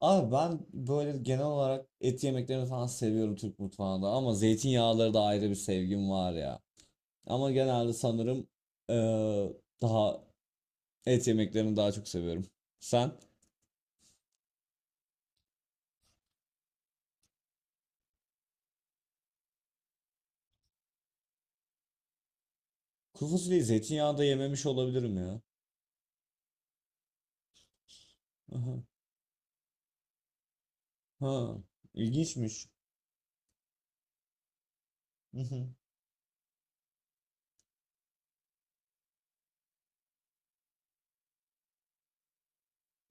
Abi ben böyle genel olarak et yemeklerini falan seviyorum Türk mutfağında ama zeytinyağları da ayrı bir sevgim var ya. Ama genelde sanırım eee, daha et yemeklerini daha çok seviyorum. Sen? Kuru fasulyeyi zeytinyağında yememiş olabilirim ya. Aha. Ha, ilginçmiş. Hı hı.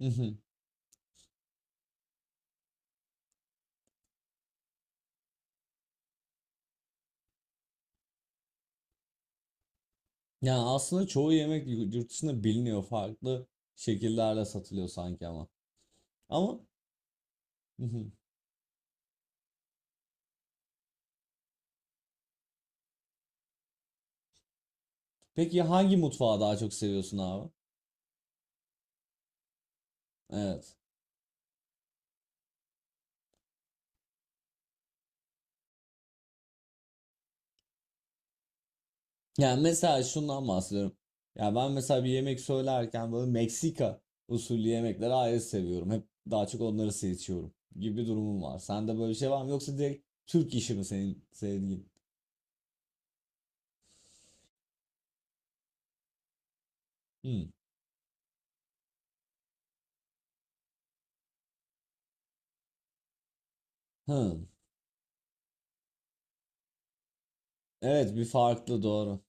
Hı hı. Yani aslında çoğu yemek yurt dışında biliniyor farklı şekillerle satılıyor sanki ama. Ama hı hı. Peki hangi mutfağı daha çok seviyorsun abi? Evet. Yani mesela şundan bahsediyorum. Ya ben mesela bir yemek söylerken böyle Meksika usulü yemekleri ayrı seviyorum. Hep daha çok onları seçiyorum gibi bir durumum var. Sende böyle bir şey var mı? Yoksa direkt Türk işi mi senin sevdiğin? Hmm. Hı. Evet bir farklı doğru.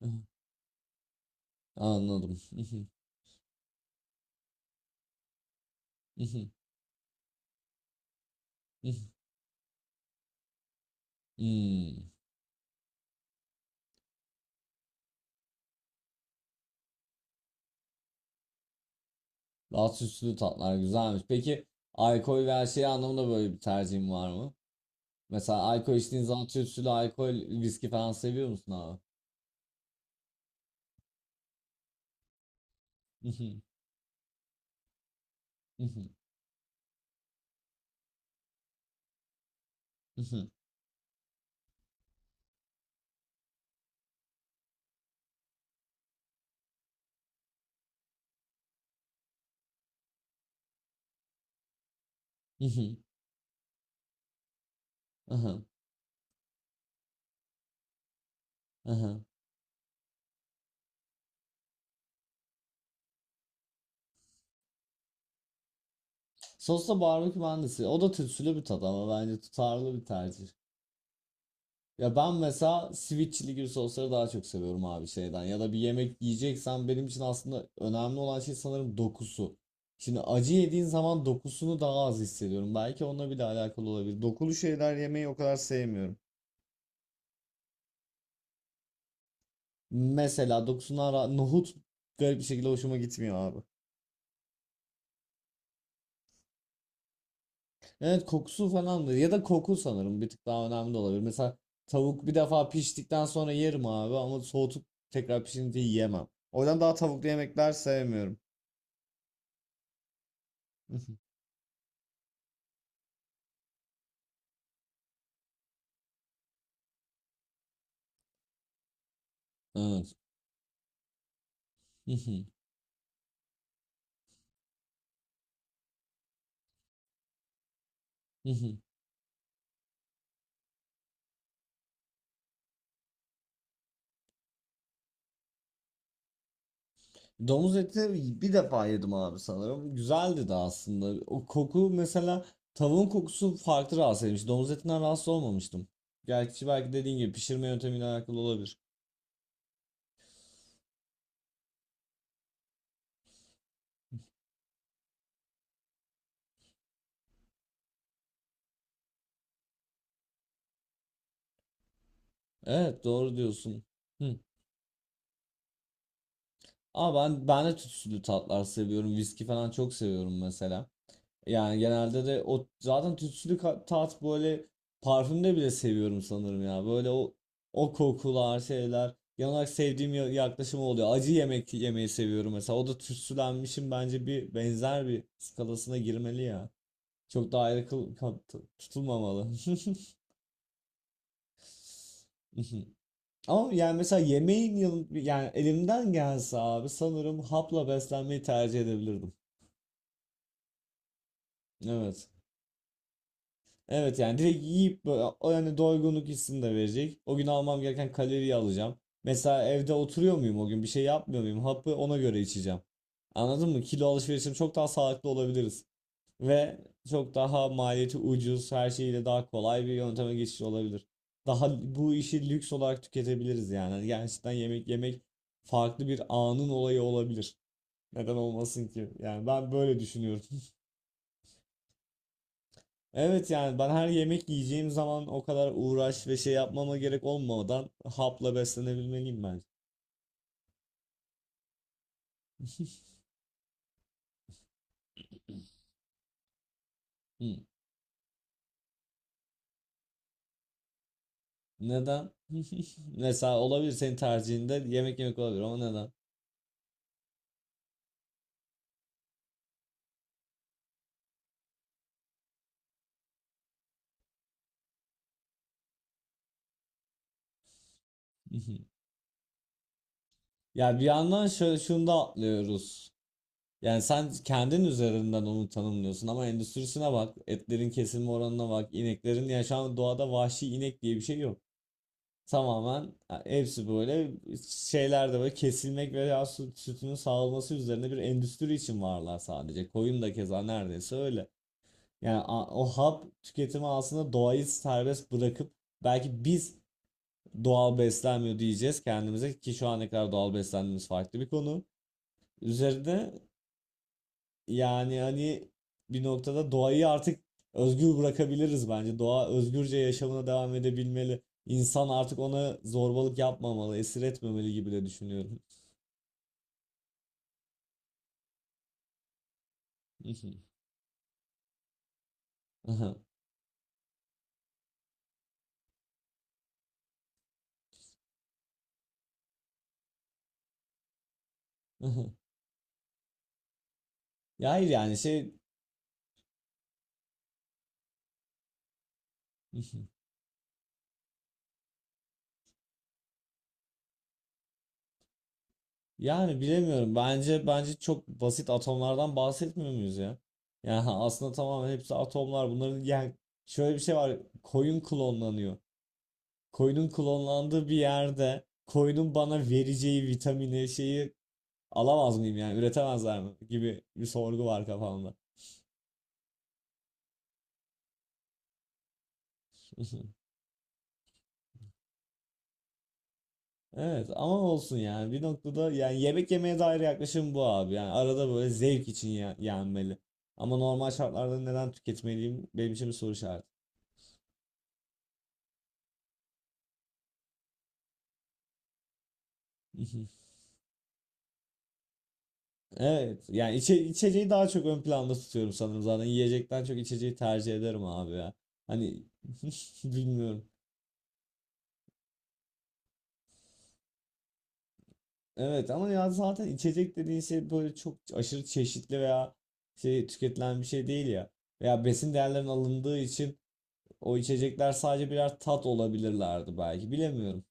Anladım. Hmm. Daha süslü tatlar güzelmiş. Peki alkol ve her şey anlamında böyle bir tercihin var mı? Mesela alkol içtiğin zaman tütsülü alkol, viski falan seviyor musun abi? Hı hı. Aha. Aha. Sosla barbekü mühendisi. O da tütsülü bir tat ama bence tutarlı bir tercih. Ya ben mesela sweet chili gibi sosları daha çok seviyorum abi şeyden. Ya da bir yemek yiyeceksen benim için aslında önemli olan şey sanırım dokusu. Şimdi acı yediğin zaman dokusunu daha az hissediyorum. Belki onunla bile alakalı olabilir. Dokulu şeyler yemeyi o kadar sevmiyorum. Mesela dokusundan nohut garip bir şekilde hoşuma gitmiyor abi. Evet kokusu falan da ya da koku sanırım bir tık daha önemli de olabilir. Mesela tavuk bir defa piştikten sonra yerim abi ama soğutup tekrar pişince yiyemem. O yüzden daha tavuklu yemekler sevmiyorum. Evet. Domuz eti bir defa yedim abi sanırım. Güzeldi de aslında. O koku mesela tavuğun kokusu farklı rahatsız etmiş. Domuz etinden rahatsız olmamıştım. Gerçi belki dediğin gibi pişirme yöntemiyle alakalı olabilir. Evet doğru diyorsun. Ama ben de tütsülü tatlar seviyorum. Viski falan çok seviyorum mesela. Yani genelde de o zaten tütsülü tat böyle parfümde bile seviyorum sanırım ya. Böyle o kokular şeyler. Genel olarak sevdiğim yaklaşım oluyor. Acı yemek yemeyi seviyorum mesela. O da tütsülenmişin bence bir benzer bir skalasına girmeli ya. Çok daha ayrı tutulmamalı. Ama yani mesela yemeğin yani elimden gelse abi sanırım hapla beslenmeyi tercih edebilirdim. Evet. Evet yani direkt yiyip böyle o yani doygunluk hissini de verecek. O gün almam gereken kaloriyi alacağım. Mesela evde oturuyor muyum o gün bir şey yapmıyor muyum? Hapı ona göre içeceğim. Anladın mı? Kilo alışverişim çok daha sağlıklı olabiliriz. Ve çok daha maliyeti ucuz, her şeyiyle daha kolay bir yönteme geçiş olabilir. Daha bu işi lüks olarak tüketebiliriz yani. Hani gerçekten yemek yemek farklı bir anın olayı olabilir. Neden olmasın ki? Yani ben böyle düşünüyorum. Evet yani ben her yemek yiyeceğim zaman o kadar uğraş ve şey yapmama gerek olmadan hapla beslenebilmeliyim bence. Hı. Neden? Mesela olabilir senin tercihinde yemek yemek olabilir ama neden? Ya bir yandan şunu da atlıyoruz. Yani sen kendin üzerinden onu tanımlıyorsun ama endüstrisine bak, etlerin kesilme oranına bak, ineklerin ya şu an doğada vahşi inek diye bir şey yok. Tamamen hepsi böyle şeyler de böyle kesilmek veya süt, sütünün sağlanması üzerine bir endüstri için varlar sadece. Koyun da keza neredeyse öyle. Yani o hap tüketimi aslında doğayı serbest bırakıp belki biz doğal beslenmiyor diyeceğiz kendimize ki şu ana kadar doğal beslendiğimiz farklı bir konu. Üzerinde yani hani bir noktada doğayı artık özgür bırakabiliriz bence. Doğa özgürce yaşamına devam edebilmeli. İnsan artık ona zorbalık yapmamalı, esir etmemeli gibi de düşünüyorum. Aha, aha. Ya hayır yani şey yani bilemiyorum. Bence çok basit atomlardan bahsetmiyor muyuz ya? Yani aslında tamamen hepsi atomlar. Bunların yani şöyle bir şey var. Koyun klonlanıyor. Koyunun klonlandığı bir yerde koyunun bana vereceği vitamini şeyi alamaz mıyım yani üretemezler mi gibi bir sorgu var kafamda. Evet ama olsun yani bir noktada yani yemek yemeye dair yaklaşım bu abi yani arada böyle zevk için yenmeli. Ama normal şartlarda neden tüketmeliyim benim için bir soru işareti. Evet yani içeceği daha çok ön planda tutuyorum sanırım zaten yiyecekten çok içeceği tercih ederim abi ya. Hani bilmiyorum. Evet ama ya zaten içecek dediğin şey böyle çok aşırı çeşitli veya şey tüketilen bir şey değil ya. Veya besin değerlerinin alındığı için o içecekler sadece birer tat olabilirlerdi belki. Bilemiyorum.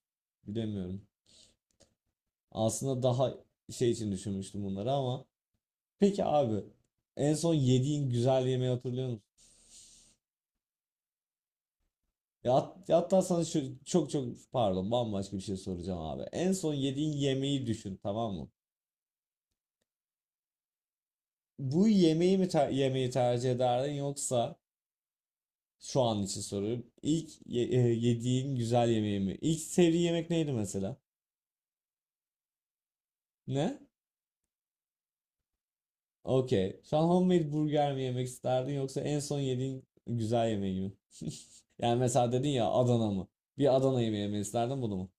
Bilemiyorum. Aslında daha şey için düşünmüştüm bunları ama. Peki abi en son yediğin güzel yemeği hatırlıyor musun? Ya ya hatta sana şu çok çok pardon bambaşka bir şey soracağım abi. En son yediğin yemeği düşün tamam mı? Bu yemeği mi yemeği tercih ederdin yoksa şu an için soruyorum. İlk yediğin güzel yemeği mi? İlk sevdiğin yemek neydi mesela? Ne? Okey. Şu an homemade burger mi yemek isterdin yoksa en son yediğin güzel yemeği mi? Yani mesela dedin ya Adana mı? Bir Adana yemeği yemek isterdin bunu mu?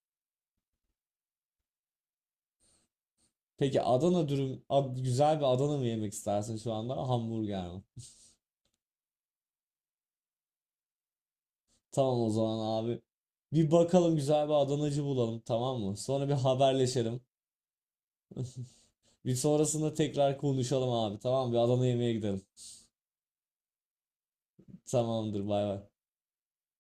Peki Adana dürüm, güzel bir Adana mı yemek istersin şu anda? Hamburger mi? Tamam o zaman abi. Bir bakalım güzel bir Adanacı bulalım tamam mı? Sonra bir haberleşelim. Bir sonrasında tekrar konuşalım abi tamam mı? Bir Adana yemeğe gidelim. Tamamdır bay bay.